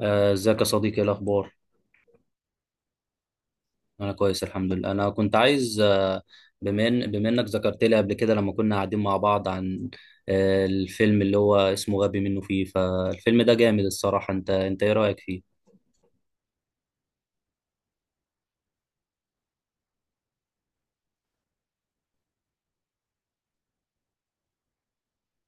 ازيك يا صديقي، ايه الاخبار؟ انا كويس الحمد لله. انا كنت عايز بما انك ذكرت لي قبل كده لما كنا قاعدين مع بعض عن الفيلم اللي هو اسمه غبي منه فيه. فالفيلم ده جامد الصراحة. انت ايه رأيك فيه؟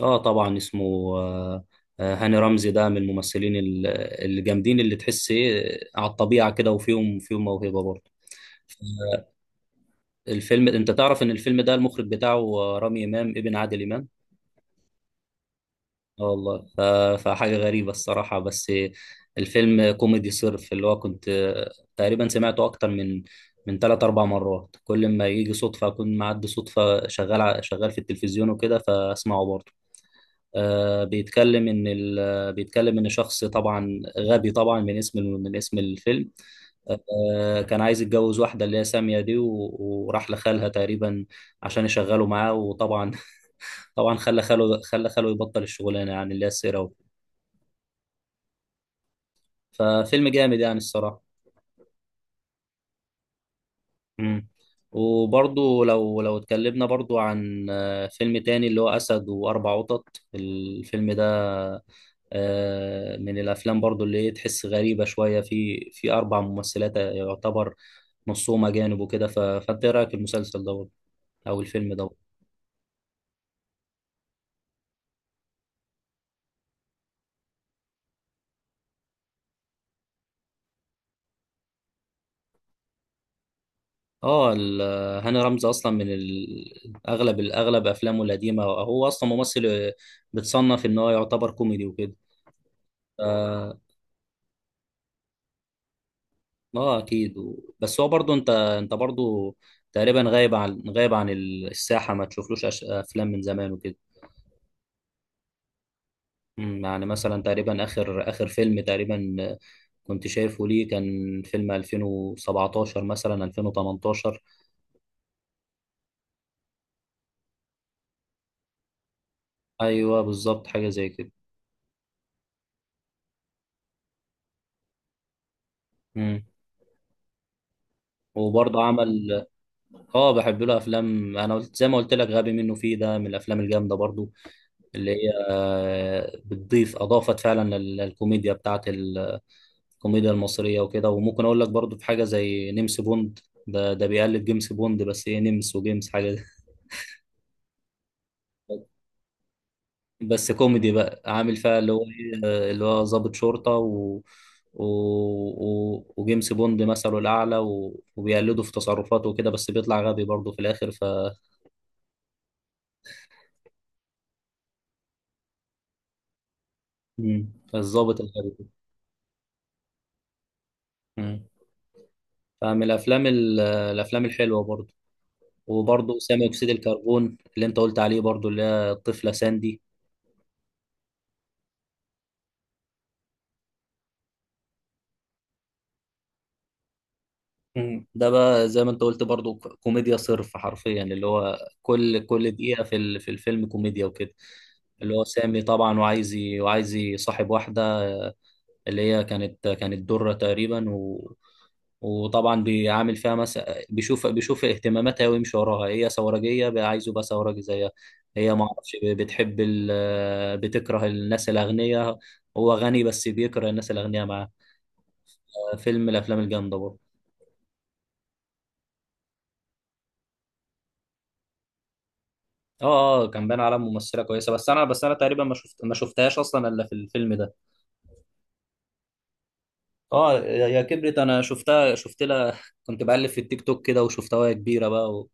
اه طبعا اسمه آه، هاني رمزي ده من الممثلين الجامدين اللي تحس ايه على الطبيعة كده، وفيهم موهبة برضه. الفيلم، انت تعرف ان الفيلم ده المخرج بتاعه رامي امام ابن عادل امام. اه والله فحاجة غريبة الصراحة. بس الفيلم كوميدي صرف. اللي هو كنت تقريبا سمعته أكتر من تلات أربع مرات. كل ما يجي صدفة أكون معدي، صدفة شغال شغال في التلفزيون وكده، فأسمعه برضه. بيتكلم ان شخص طبعا غبي، طبعا من اسم الفيلم. كان عايز يتجوز واحده اللي هي ساميه دي وراح لخالها تقريبا عشان يشغله معاه. وطبعا طبعا خلى خاله يبطل الشغلانه يعني، اللي هي السيره، ففيلم جامد يعني الصراحه. مم. وبرضو لو اتكلمنا برضو عن فيلم تاني اللي هو اسد واربع قطط. الفيلم ده من الافلام برضو اللي هي تحس غريبه شويه. في اربع ممثلات يعتبر نصهم اجانب وكده، فانت ايه رايك في المسلسل دوت او الفيلم دوت؟ اه هاني رمزي اصلا من ال- اغلب الاغلب افلامه القديمه، هو اصلا ممثل بتصنف ان هو يعتبر كوميدي وكده. اه اكيد بس هو برضو انت برضو تقريبا غايب عن الساحه. ما تشوفلوش افلام من زمان وكده. يعني مثلا تقريبا اخر فيلم تقريبا كنت شايفه ليه كان فيلم 2017 مثلا 2018. ايوه بالظبط حاجه زي كده. مم. وبرضه عمل. اه بحب له افلام، انا قلت زي ما قلت لك غبي منه فيه ده من الافلام الجامده برضه اللي هي بتضيف، اضافت فعلا للكوميديا بتاعت الكوميديا المصريه وكده. وممكن اقول لك برضه في حاجه زي نمس بوند. ده بيقلد جيمس بوند، بس ايه، نمس وجيمس حاجه. بس كوميدي بقى، عامل فيها اللي هو ايه اللي هو ضابط شرطة، وجيمس بوند مثله الأعلى، وبيقلده في تصرفاته وكده، بس بيطلع غبي برضه في الآخر ف. مم. فالظابط الغبي. مم. فمن الأفلام الأفلام الحلوة برضه. وبرضه ثاني أكسيد الكربون اللي أنت قلت عليه برضه، اللي هي الطفلة ساندي. مم. ده بقى زي ما انت قلت برضو، كوميديا صرف حرفيا، اللي هو كل دقيقة في الفيلم كوميديا وكده. اللي هو سامي طبعا وعايز وعايز يصاحب واحدة اللي هي كانت درة تقريبا، و وطبعا بيعامل فيها مثلا، بيشوف اهتماماتها ويمشي وراها. هي ثورجية بقى، عايزه يبقى ثورجي زيها. هي ما اعرفش بتحب ال... آه، بتكره الناس الأغنياء. هو غني بس بيكره الناس الأغنياء معاه. فيلم من الأفلام الجامدة برضه. اه اه كان باين على ممثله كويسه. بس انا تقريبا ما شفتهاش اصلا الا في الفيلم ده. اه يا كبرت، انا شفتها شفت لها كنت بقلب في التيك توك كده وشفتها وهي كبيره بقى،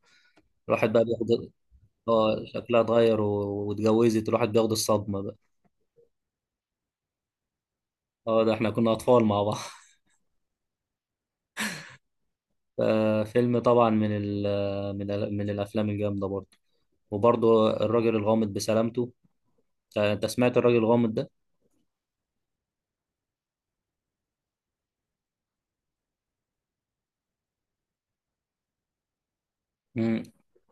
والواحد بقى بياخد. اه شكلها اتغير واتجوزت، الواحد بياخد الصدمه بقى. اه ده احنا كنا اطفال مع بعض فيلم طبعا من ال من ال من الافلام الجامده برضه. وبرضه الراجل الغامض بسلامته. انت سمعت الراجل الغامض ده؟ مم.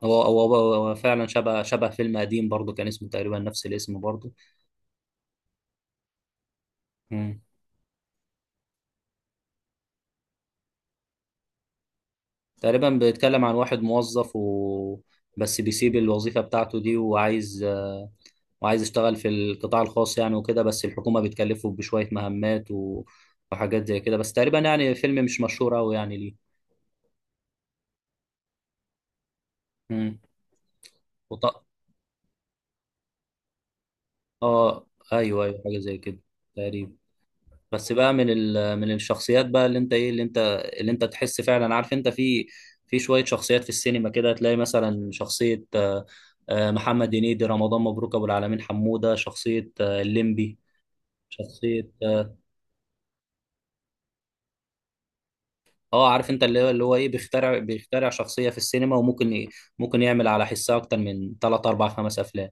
هو فعلا شبه فيلم قديم برضه، كان اسمه تقريبا نفس الاسم برضه. مم. تقريبا بيتكلم عن واحد موظف، بس بيسيب الوظيفة بتاعته دي، وعايز وعايز يشتغل في القطاع الخاص يعني وكده، بس الحكومة بتكلفه بشوية مهمات وحاجات زي كده. بس تقريبا يعني فيلم مش مشهور أوي يعني ليه. مم. وط... اه ايوه ايوه حاجة زي كده تقريبا. بس بقى من من الشخصيات بقى اللي انت تحس فعلا، عارف انت في شويه شخصيات في السينما كده. تلاقي مثلا شخصيه محمد هنيدي، رمضان مبروك ابو العالمين حموده، شخصيه الليمبي، شخصيه اه عارف انت اللي هو ايه، بيخترع شخصيه في السينما، وممكن ممكن يعمل على حسها اكتر من 3 4 5 افلام.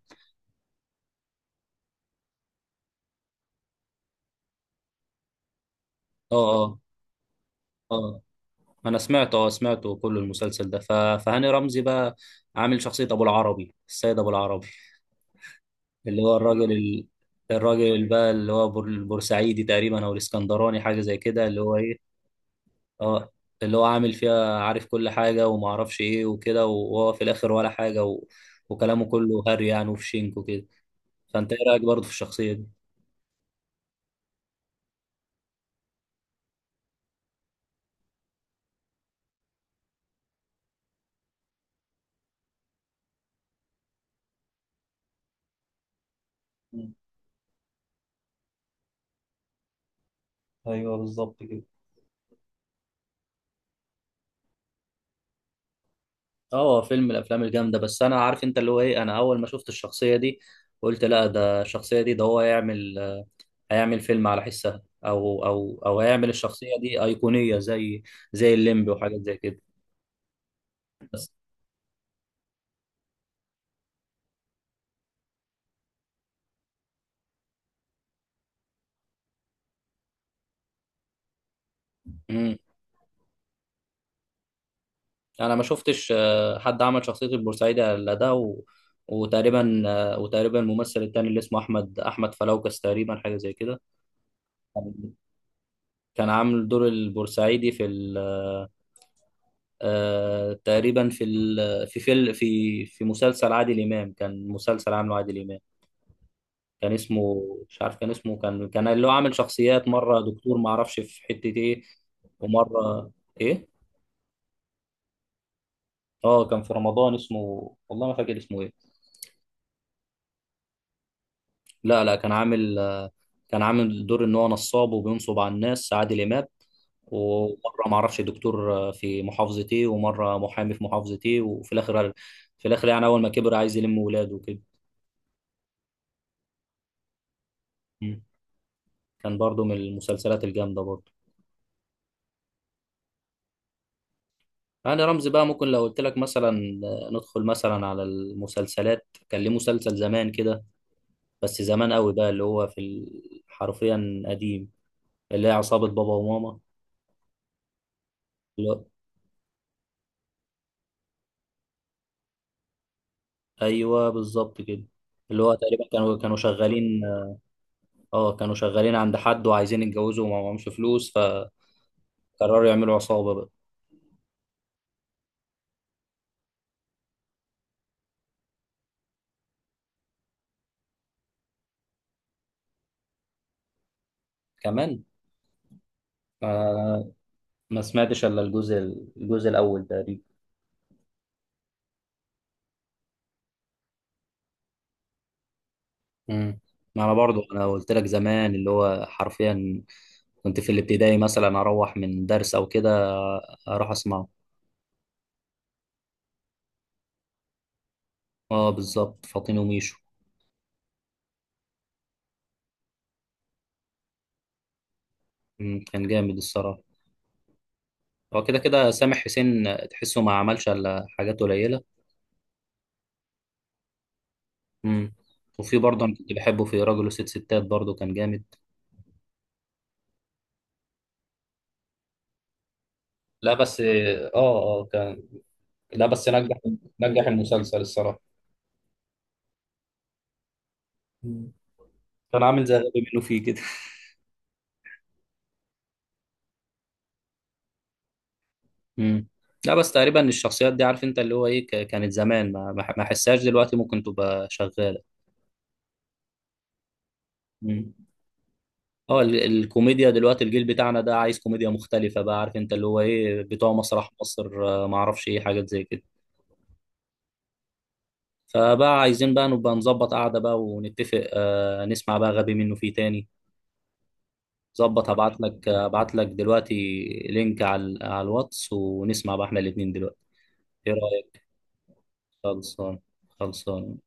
اه اه اه انا سمعته كل المسلسل ده. فهاني رمزي بقى عامل شخصيه ابو العربي، السيد ابو العربي. اللي هو الراجل الراجل اللي بقى اللي هو البورسعيدي تقريبا او الاسكندراني حاجه زي كده، اللي هو ايه اه اللي هو عامل فيها عارف كل حاجه وما اعرفش ايه وكده، وهو في الاخر ولا حاجه، وكلامه كله هري يعني، وفي شينك وكده. فانت ايه رايك برضه في الشخصيه دي؟ مم. ايوه بالظبط كده. اه هو فيلم من الافلام الجامده. بس انا عارف انت اللي هو ايه، انا اول ما شفت الشخصيه دي قلت لا، ده الشخصيه دي ده هو هيعمل فيلم على حسها، او هيعمل الشخصيه دي ايقونيه زي الليمبي وحاجات زي كده. بس امم انا ما شفتش حد عمل شخصيه البورسعيدي الا ده، وتقريبا وتقريبا الممثل التاني اللي اسمه احمد فلوكس تقريبا حاجه زي كده. كان عامل دور البورسعيدي في ال... آه، تقريبا في في في مسلسل عادل امام. كان مسلسل عامله عادل امام، كان اسمه، مش عارف كان اسمه، كان اللي هو عامل شخصيات، مره دكتور ما اعرفش في حته ايه، ومره ايه. اه كان في رمضان اسمه، والله ما فاكر اسمه ايه. لا لا كان عامل كان عامل دور ان هو نصاب وبينصب على الناس، عادل امام. ومره ما اعرفش دكتور في محافظتي، ومره محامي في محافظتي، وفي الاخر، في الاخر يعني اول ما كبر عايز يلم ولاده وكده. مم. كان برضو من المسلسلات الجامده برضو. يعني رمزي بقى، ممكن لو قلت لك مثلا ندخل مثلا على المسلسلات، كان ليه مسلسل زمان كده، بس زمان قوي بقى، اللي هو في حرفيا قديم، اللي هي عصابه بابا وماما. ايوه بالظبط كده. اللي هو تقريبا كانوا شغالين. اه كانوا شغالين عند حد وعايزين يتجوزوا وما معهمش فلوس، فقرروا يعملوا عصابة بقى. كمان آه ما سمعتش الا الجزء الاول تقريبا. امم ما انا برضو، انا قلت لك زمان اللي هو حرفيا كنت في الابتدائي مثلا، اروح من درس او كده اروح اسمعه. اه بالظبط فاطين وميشو. كان جامد الصراحة. هو كده كده سامح حسين تحسه ما عملش الا حاجات قليلة. امم وفي برضه انا كنت بحبه في راجل وست ستات برضه كان جامد. لا بس اه اه كان. لا بس نجح المسلسل الصراحه. مم. كان عامل زي غبي منه فيه كده. امم لا بس تقريبا الشخصيات دي، عارف انت اللي هو ايه، كانت زمان، ما احسهاش دلوقتي ممكن تبقى شغاله. امم اه الكوميديا دلوقتي، الجيل بتاعنا ده عايز كوميديا مختلفه بقى، عارف انت اللي هو ايه، بتوع مسرح مصر ما اعرفش ايه، حاجات زي كده. فبقى عايزين بقى نبقى نظبط قعده بقى ونتفق. نسمع بقى غبي منه فيه تاني. ظبط. هبعت لك دلوقتي لينك على الواتس، ونسمع بقى احنا الاتنين دلوقتي. ايه رأيك؟ خلصان. خلصان.